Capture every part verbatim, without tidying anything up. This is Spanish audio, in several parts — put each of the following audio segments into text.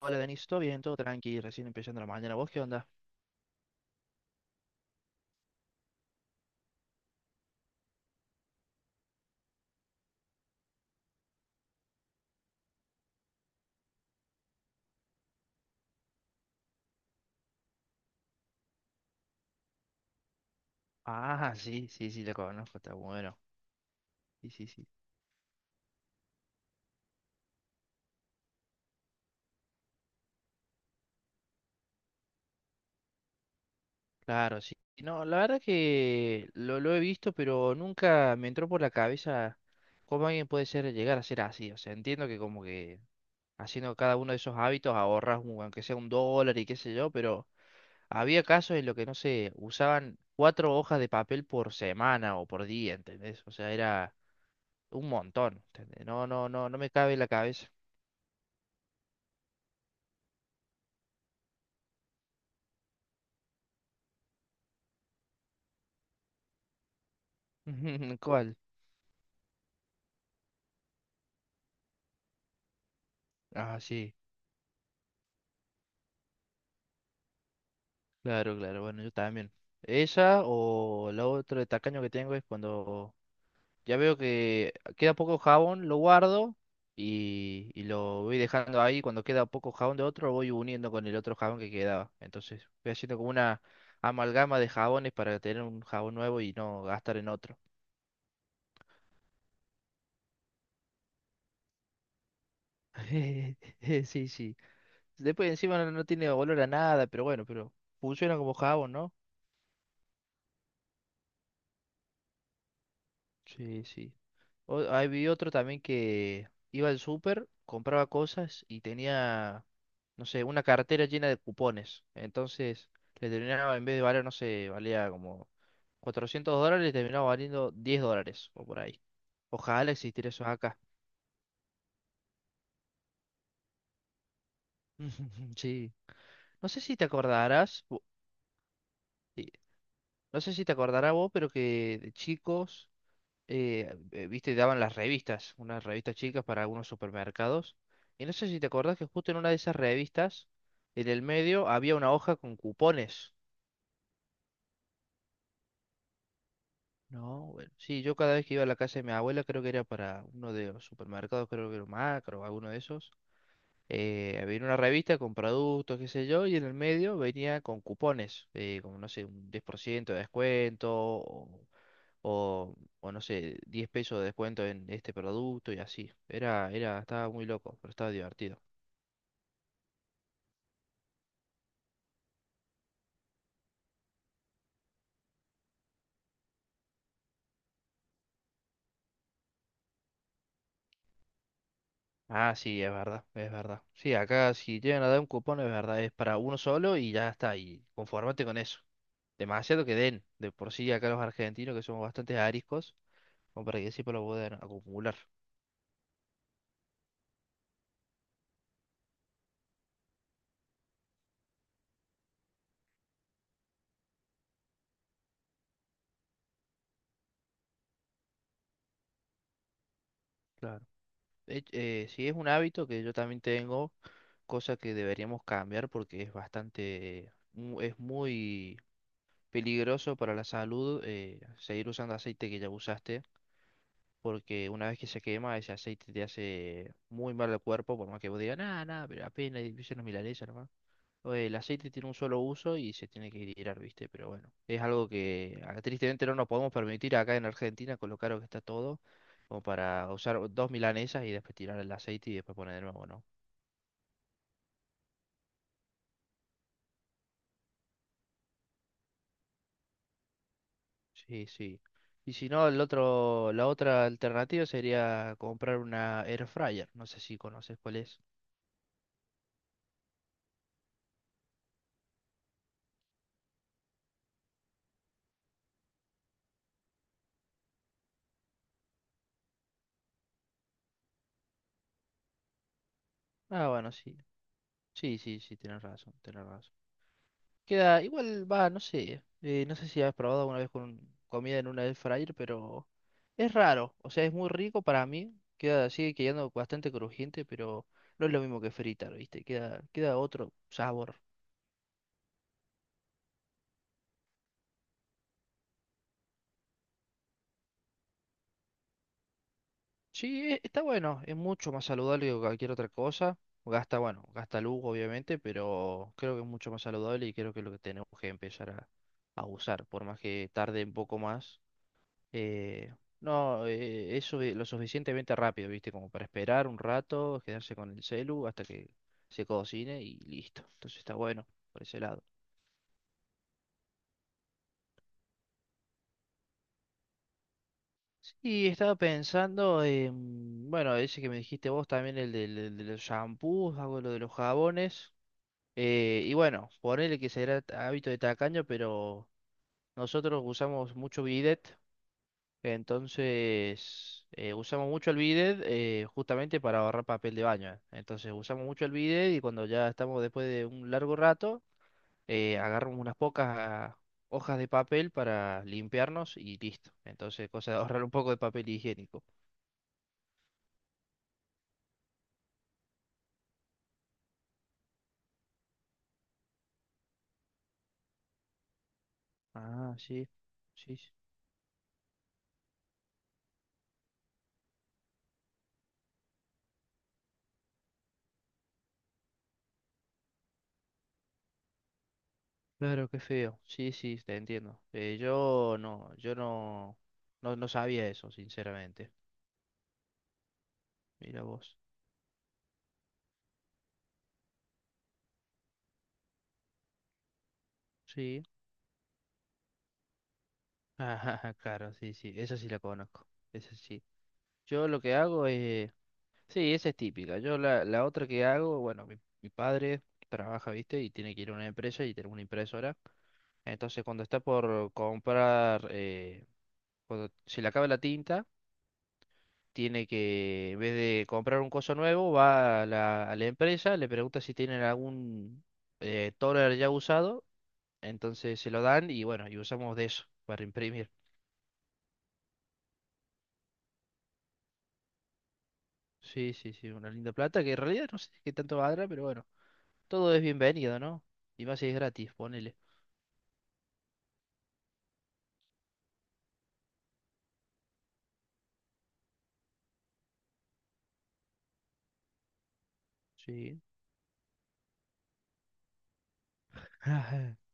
Hola, Denis, ¿todo bien? Todo tranqui, recién empezando la mañana. ¿Vos qué onda? Ah, sí, sí, sí, lo conozco, está bueno. Sí, sí, sí. Claro, sí. No, la verdad que lo, lo he visto, pero nunca me entró por la cabeza cómo alguien puede ser, llegar a ser así. O sea, entiendo que como que haciendo cada uno de esos hábitos ahorras un- aunque sea un dólar y qué sé yo, pero había casos en los que, no sé, usaban cuatro hojas de papel por semana o por día, ¿entendés? O sea, era un montón, ¿entendés? No, no, no, no me cabe en la cabeza. ¿Cuál? Ah, sí, claro, claro, bueno, yo también. Esa o la otra de tacaño que tengo es cuando ya veo que queda poco jabón, lo guardo y, y lo voy dejando ahí. Cuando queda poco jabón de otro, lo voy uniendo con el otro jabón que quedaba. Entonces voy haciendo como una amalgama de jabones para tener un jabón nuevo y no gastar en otro. Sí, sí. Después encima no, no tiene olor a nada, pero bueno, pero funciona como jabón, ¿no? Sí, sí. O- ahí vi otro también que iba al súper, compraba cosas y tenía, no sé, una cartera llena de cupones. Entonces, le terminaba, en vez de valer, no sé, valía como cuatrocientos dólares, le terminaba valiendo diez dólares o por ahí. Ojalá existiera eso acá. Sí. No sé si te acordarás, vo- sí, no sé si te acordarás vos, pero que de chicos eh, eh, viste, daban las revistas, unas revistas chicas para algunos supermercados. Y no sé si te acordás que justo en una de esas revistas, en el medio, había una hoja con cupones. No, bueno, sí, yo cada vez que iba a la casa de mi abuela, creo que era para uno de los supermercados, creo que era Macro o alguno de esos. Eh, había una revista con productos, qué sé yo, y en el medio venía con cupones, eh, como no sé, un diez por ciento de descuento, o, o no sé, diez pesos de descuento en este producto y así. Era, era, estaba muy loco, pero estaba divertido. Ah, sí, es verdad, es verdad. Sí, acá si llegan a dar un cupón, es verdad, es para uno solo y ya está, y conformate con eso. Demasiado que den, de por sí acá los argentinos que somos bastante ariscos, como para que siempre lo puedan acumular. Claro. De eh, Sí, es un hábito que yo también tengo, cosa que deberíamos cambiar porque es bastante, mu- es muy peligroso para la salud eh, seguir usando aceite que ya usaste, porque una vez que se quema, ese aceite te hace muy mal al cuerpo, por más que vos digas, nada, nada, pero apenas hice unas milanesas nomás. O El aceite tiene un solo uso y se tiene que tirar, ¿viste? Pero bueno, es algo que ah, tristemente no nos podemos permitir acá en Argentina con lo caro que está todo, como para usar dos milanesas y después tirar el aceite y después poner de nuevo, ¿no? Sí, sí. Y si no, el otro, la otra alternativa sería comprar una air fryer. No sé si conoces cuál es. Ah, bueno, sí. Sí, sí, sí, tienes razón, tienes razón. Queda, igual va, no sé. Eh, no sé si has probado alguna vez con comida en una air fryer, pero es raro. O sea, es muy rico para mí. Queda, sigue quedando bastante crujiente, pero no es lo mismo que fritar, ¿viste? Queda, queda otro sabor. Sí, e- está bueno, es mucho más saludable que cualquier otra cosa. Gasta, bueno, gasta luz obviamente, pero creo que es mucho más saludable y creo que es lo que tenemos que empezar a, a usar, por más que tarde un poco más. eh, no, eh, es sufi- lo suficientemente rápido, ¿viste? Como para esperar un rato, quedarse con el celu hasta que se cocine y listo. Entonces está bueno por ese lado. Sí, estaba pensando, en, bueno, ese que me dijiste vos también, el del- del- de, los shampoos, hago lo de los jabones. Eh, y bueno, ponele que será hábito de tacaño, pero nosotros usamos mucho bidet, entonces eh, usamos mucho el bidet eh, justamente para ahorrar papel de baño. eh. Entonces usamos mucho el bidet y cuando ya estamos después de un largo rato, eh, agarramos unas pocas hojas de papel para limpiarnos y listo. Entonces, cosa de ahorrar un poco de papel higiénico. Ah, sí, sí, claro, qué feo. Sí, sí, te entiendo. Eh, yo no, yo no, no, no sabía eso, sinceramente. Mira vos. Sí. Ajá, claro, sí, sí. Esa sí la conozco. Esa sí. Yo lo que hago es. Sí, esa es típica. Yo la, la otra que hago, bueno, mi, mi padre trabaja, ¿viste? Y tiene que ir a una empresa y tener una impresora. Entonces, cuando está por comprar, eh, cuando se le acaba la tinta, tiene que, en vez de comprar un coso nuevo, va a la, a la empresa, le pregunta si tienen algún eh, toner ya usado, entonces se lo dan y bueno, y usamos de eso para imprimir. Sí, sí, sí, una linda plata que en realidad no sé qué tanto valdrá, pero bueno, todo es bienvenido, ¿no? Y más si es gratis, ponele. Sí.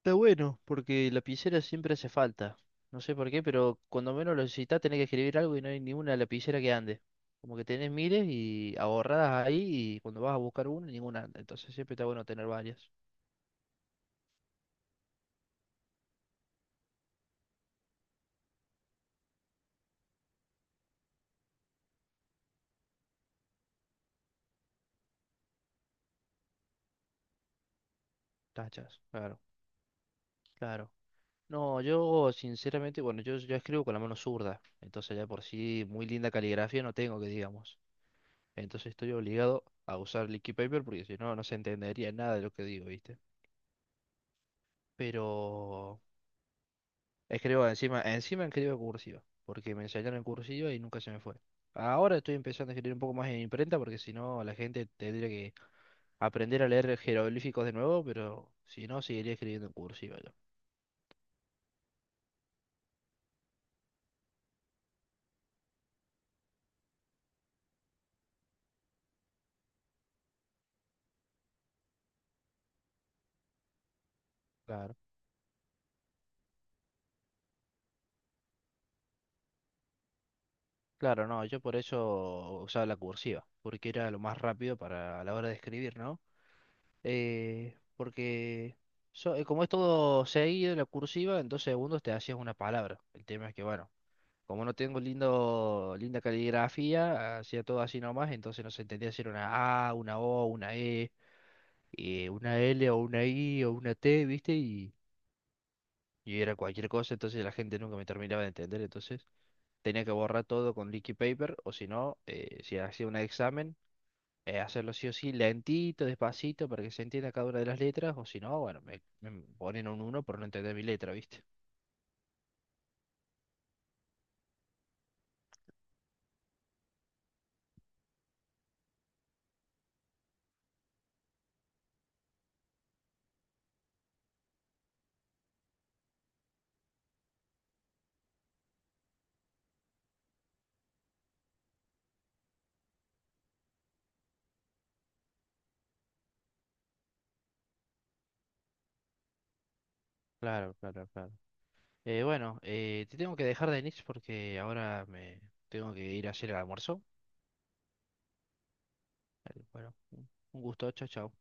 Está bueno, porque lapicera siempre hace falta. No sé por qué, pero cuando menos lo necesitas tenés que escribir algo y no hay ninguna lapicera que ande. Como que tenés miles y ahorradas ahí y cuando vas a buscar una, ninguna anda. Entonces siempre está bueno tener varias tachas. Claro, claro. No, yo sinceramente, bueno, yo, yo escribo con la mano zurda. Entonces ya por sí muy linda caligrafía no tengo que digamos. Entonces estoy obligado a usar liquid paper porque si no, no se entendería nada de lo que digo, ¿viste? Pero. Escribo encima, encima escribo en cursiva, porque me enseñaron en cursiva y nunca se me fue. Ahora estoy empezando a escribir un poco más en imprenta, porque si no la gente tendría que aprender a leer jeroglíficos de nuevo, pero si no seguiría escribiendo en cursiva yo. Claro. Claro, no, yo por eso usaba la cursiva, porque era lo más rápido para a la hora de escribir, ¿no? Eh, porque so- eh, como es todo seguido, la cursiva, en dos segundos te hacías una palabra. El tema es que, bueno, como no tengo lindo, linda caligrafía, hacía todo así nomás, entonces no se entendía si era una A, una O, una E, eh, una L o una I o una T, ¿viste? Y, y era cualquier cosa, entonces la gente nunca me terminaba de entender, entonces tenía que borrar todo con leaky paper, o si no, eh, si hacía un examen, eh, hacerlo sí o sí, lentito, despacito, para que se entienda cada una de las letras, o si no, bueno, me, me ponen un uno por no entender mi letra, ¿viste? Claro, claro, claro. Eh, bueno, eh, te tengo que dejar, Denis, porque ahora me tengo que ir a hacer el almuerzo. Bueno, un un gusto, chao, chao.